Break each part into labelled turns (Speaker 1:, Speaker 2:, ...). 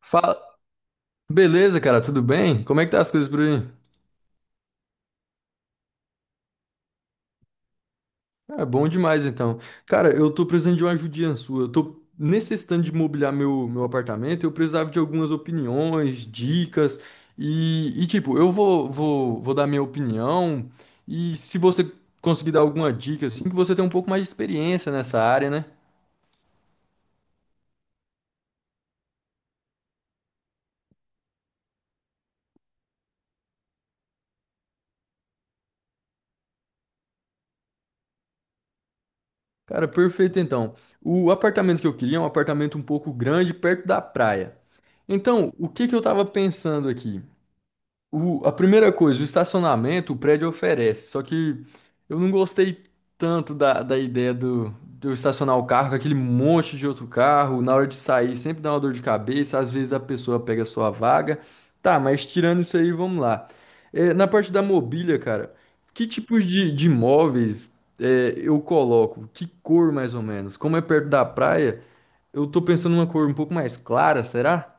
Speaker 1: Fala. Beleza, cara, tudo bem? Como é que tá as coisas por aí? É bom demais, então. Cara, eu tô precisando de uma ajudinha sua. Eu tô necessitando de mobiliar meu apartamento. Eu precisava de algumas opiniões, dicas. Eu vou dar minha opinião. E se você conseguir dar alguma dica, assim, que você tem um pouco mais de experiência nessa área, né? Cara, perfeito, então. O apartamento que eu queria é um apartamento um pouco grande, perto da praia. Então, o que que eu tava pensando aqui? A primeira coisa, o estacionamento o prédio oferece, só que eu não gostei tanto da ideia do, de eu estacionar o carro com aquele monte de outro carro, na hora de sair sempre dá uma dor de cabeça, às vezes a pessoa pega a sua vaga. Tá, mas tirando isso aí, vamos lá. Na parte da mobília, cara, que tipos de móveis eu coloco? Que cor mais ou menos? Como é perto da praia, eu tô pensando numa cor um pouco mais clara, será?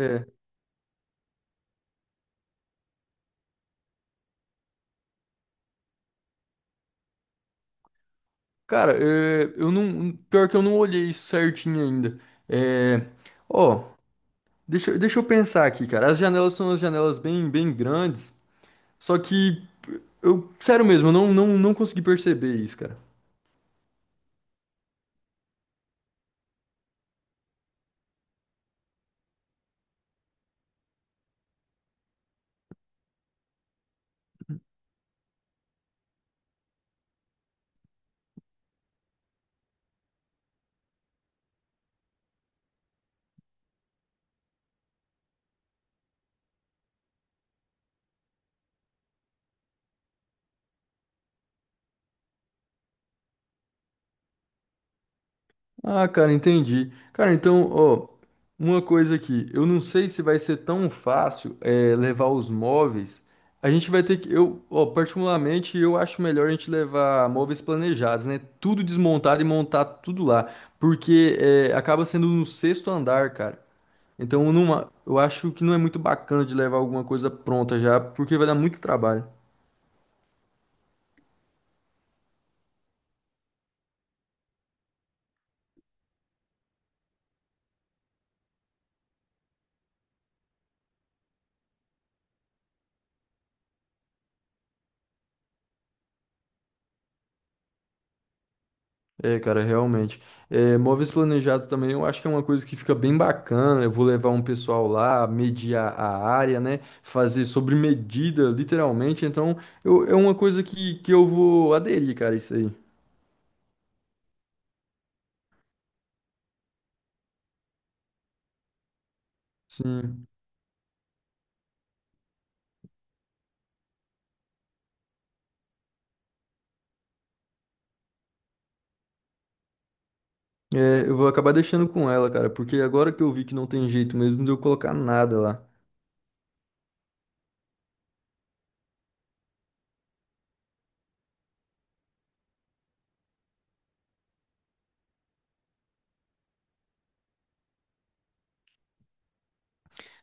Speaker 1: É, Cara, eu não. Pior que eu não olhei isso certinho ainda. É, ó, deixa eu pensar aqui, cara. As janelas são as janelas bem grandes. Só que eu, sério mesmo, eu não consegui perceber isso, cara. Ah, cara, entendi. Cara, então, ó, uma coisa aqui, eu não sei se vai ser tão fácil levar os móveis. A gente vai ter que, eu, ó, particularmente, eu acho melhor a gente levar móveis planejados, né? Tudo desmontado e montar tudo lá, porque acaba sendo no sexto andar, cara. Então, numa, eu acho que não é muito bacana de levar alguma coisa pronta já, porque vai dar muito trabalho. É, cara, realmente. É, móveis planejados também, eu acho que é uma coisa que fica bem bacana. Eu vou levar um pessoal lá, medir a área, né? Fazer sobre medida, literalmente. Então, é uma coisa que eu vou aderir, cara, isso aí. Sim. É, eu vou acabar deixando com ela, cara, porque agora que eu vi que não tem jeito mesmo de eu colocar nada lá.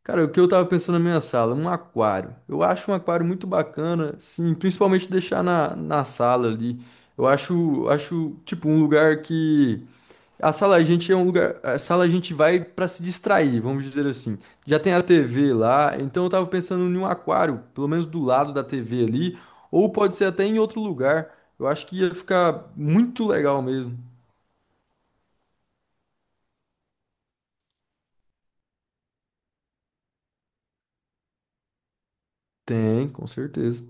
Speaker 1: Cara, o que eu tava pensando na minha sala? Um aquário. Eu acho um aquário muito bacana, sim, principalmente deixar na sala ali. Eu tipo, um lugar que. A sala a gente é um lugar, a sala a gente vai pra se distrair, vamos dizer assim. Já tem a TV lá, então eu tava pensando em um aquário, pelo menos do lado da TV ali, ou pode ser até em outro lugar. Eu acho que ia ficar muito legal mesmo. Tem, com certeza.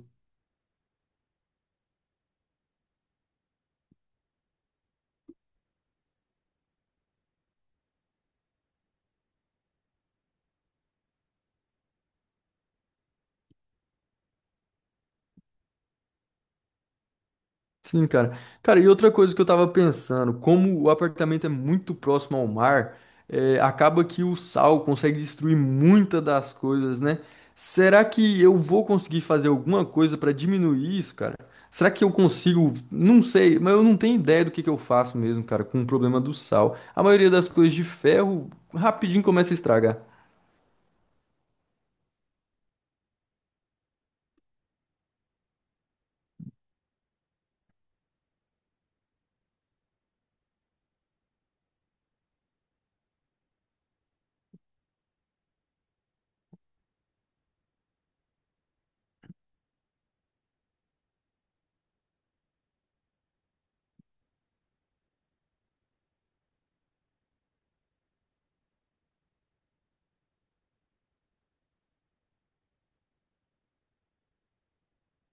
Speaker 1: Sim, cara. Cara, e outra coisa que eu tava pensando, como o apartamento é muito próximo ao mar, acaba que o sal consegue destruir muitas das coisas, né? Será que eu vou conseguir fazer alguma coisa pra diminuir isso, cara? Será que eu consigo? Não sei, mas eu não tenho ideia do que eu faço mesmo, cara, com o problema do sal. A maioria das coisas de ferro rapidinho começa a estragar.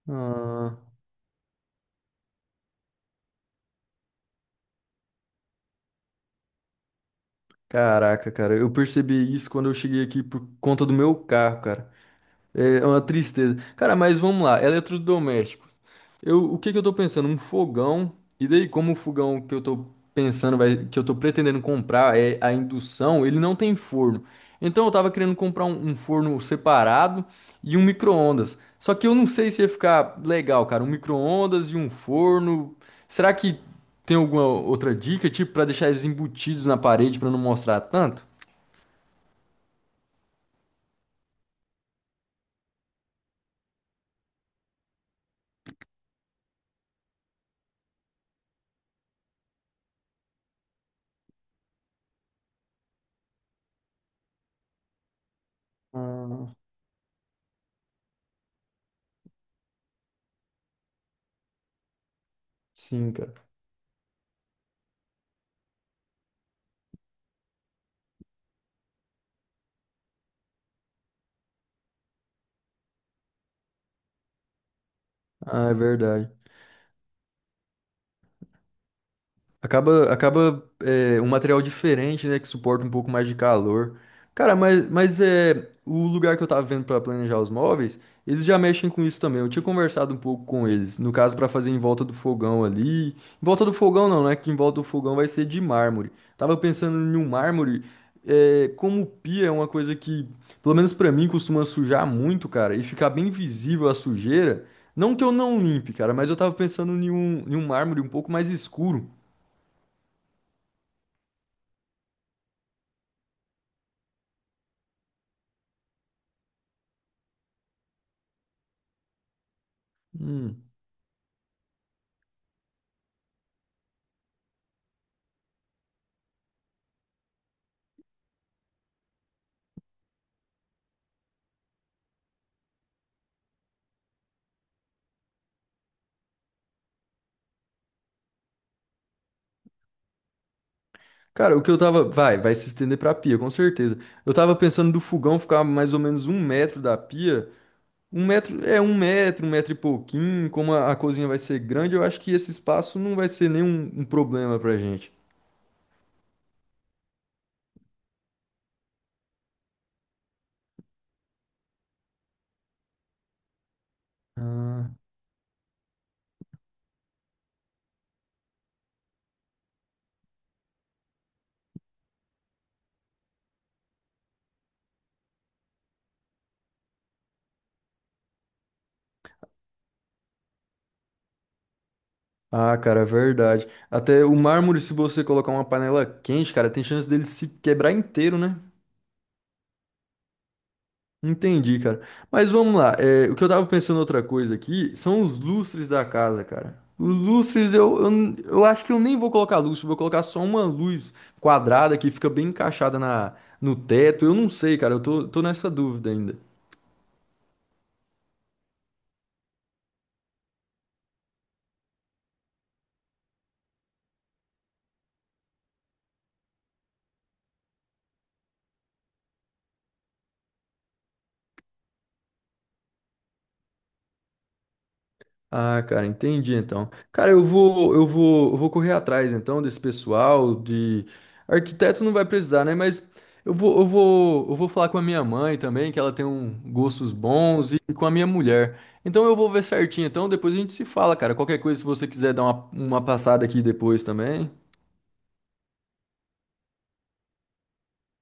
Speaker 1: Ah, caraca, cara, eu percebi isso quando eu cheguei aqui por conta do meu carro, cara. É é uma tristeza. Cara, mas vamos lá, eletrodomésticos. Eu, o que que eu tô pensando? Um fogão. E daí, como o fogão que eu tô pensando, vai, que eu tô pretendendo comprar é a indução, ele não tem forno. Então eu tava querendo comprar um forno separado e um micro-ondas. Só que eu não sei se ia ficar legal, cara. Um micro-ondas e um forno. Será que tem alguma outra dica, tipo, pra deixar eles embutidos na parede pra não mostrar tanto? Ah, sim, cara. Ah, é verdade. Acaba um material diferente, né, que suporta um pouco mais de calor. Cara, mas é, o lugar que eu tava vendo para planejar os móveis, eles já mexem com isso também. Eu tinha conversado um pouco com eles, no caso para fazer em volta do fogão ali. Em volta do fogão não, né, que em volta do fogão vai ser de mármore. Tava pensando em um mármore, é, como pia é uma coisa que, pelo menos para mim, costuma sujar muito, cara, e ficar bem visível a sujeira. Não que eu não limpe, cara, mas eu tava pensando em um mármore um pouco mais escuro. Hum. Cara, o que eu tava. Vai se estender pra pia, com certeza. Eu tava pensando do fogão ficar mais ou menos um metro da pia. Um metro, é um metro e pouquinho. Como a cozinha vai ser grande, eu acho que esse espaço não vai ser nenhum um problema pra gente. Ah, Ah, cara, é verdade. Até o mármore, se você colocar uma panela quente, cara, tem chance dele se quebrar inteiro, né? Entendi, cara. Mas vamos lá. É, o que eu tava pensando outra coisa aqui são os lustres da casa, cara. Os lustres, eu acho que eu nem vou colocar lustre, eu vou colocar só uma luz quadrada que fica bem encaixada no teto. Eu não sei, cara. Eu tô nessa dúvida ainda. Ah, cara, entendi então. Cara, eu vou correr atrás então desse pessoal de arquiteto não vai precisar, né? Mas eu vou falar com a minha mãe também, que ela tem um gostos bons e com a minha mulher. Então eu vou ver certinho. Então depois a gente se fala, cara. Qualquer coisa, se você quiser dar uma passada aqui depois também.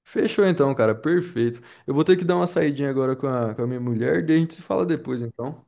Speaker 1: Fechou então, cara. Perfeito. Eu vou ter que dar uma saidinha agora com com a minha mulher, daí a gente se fala depois então.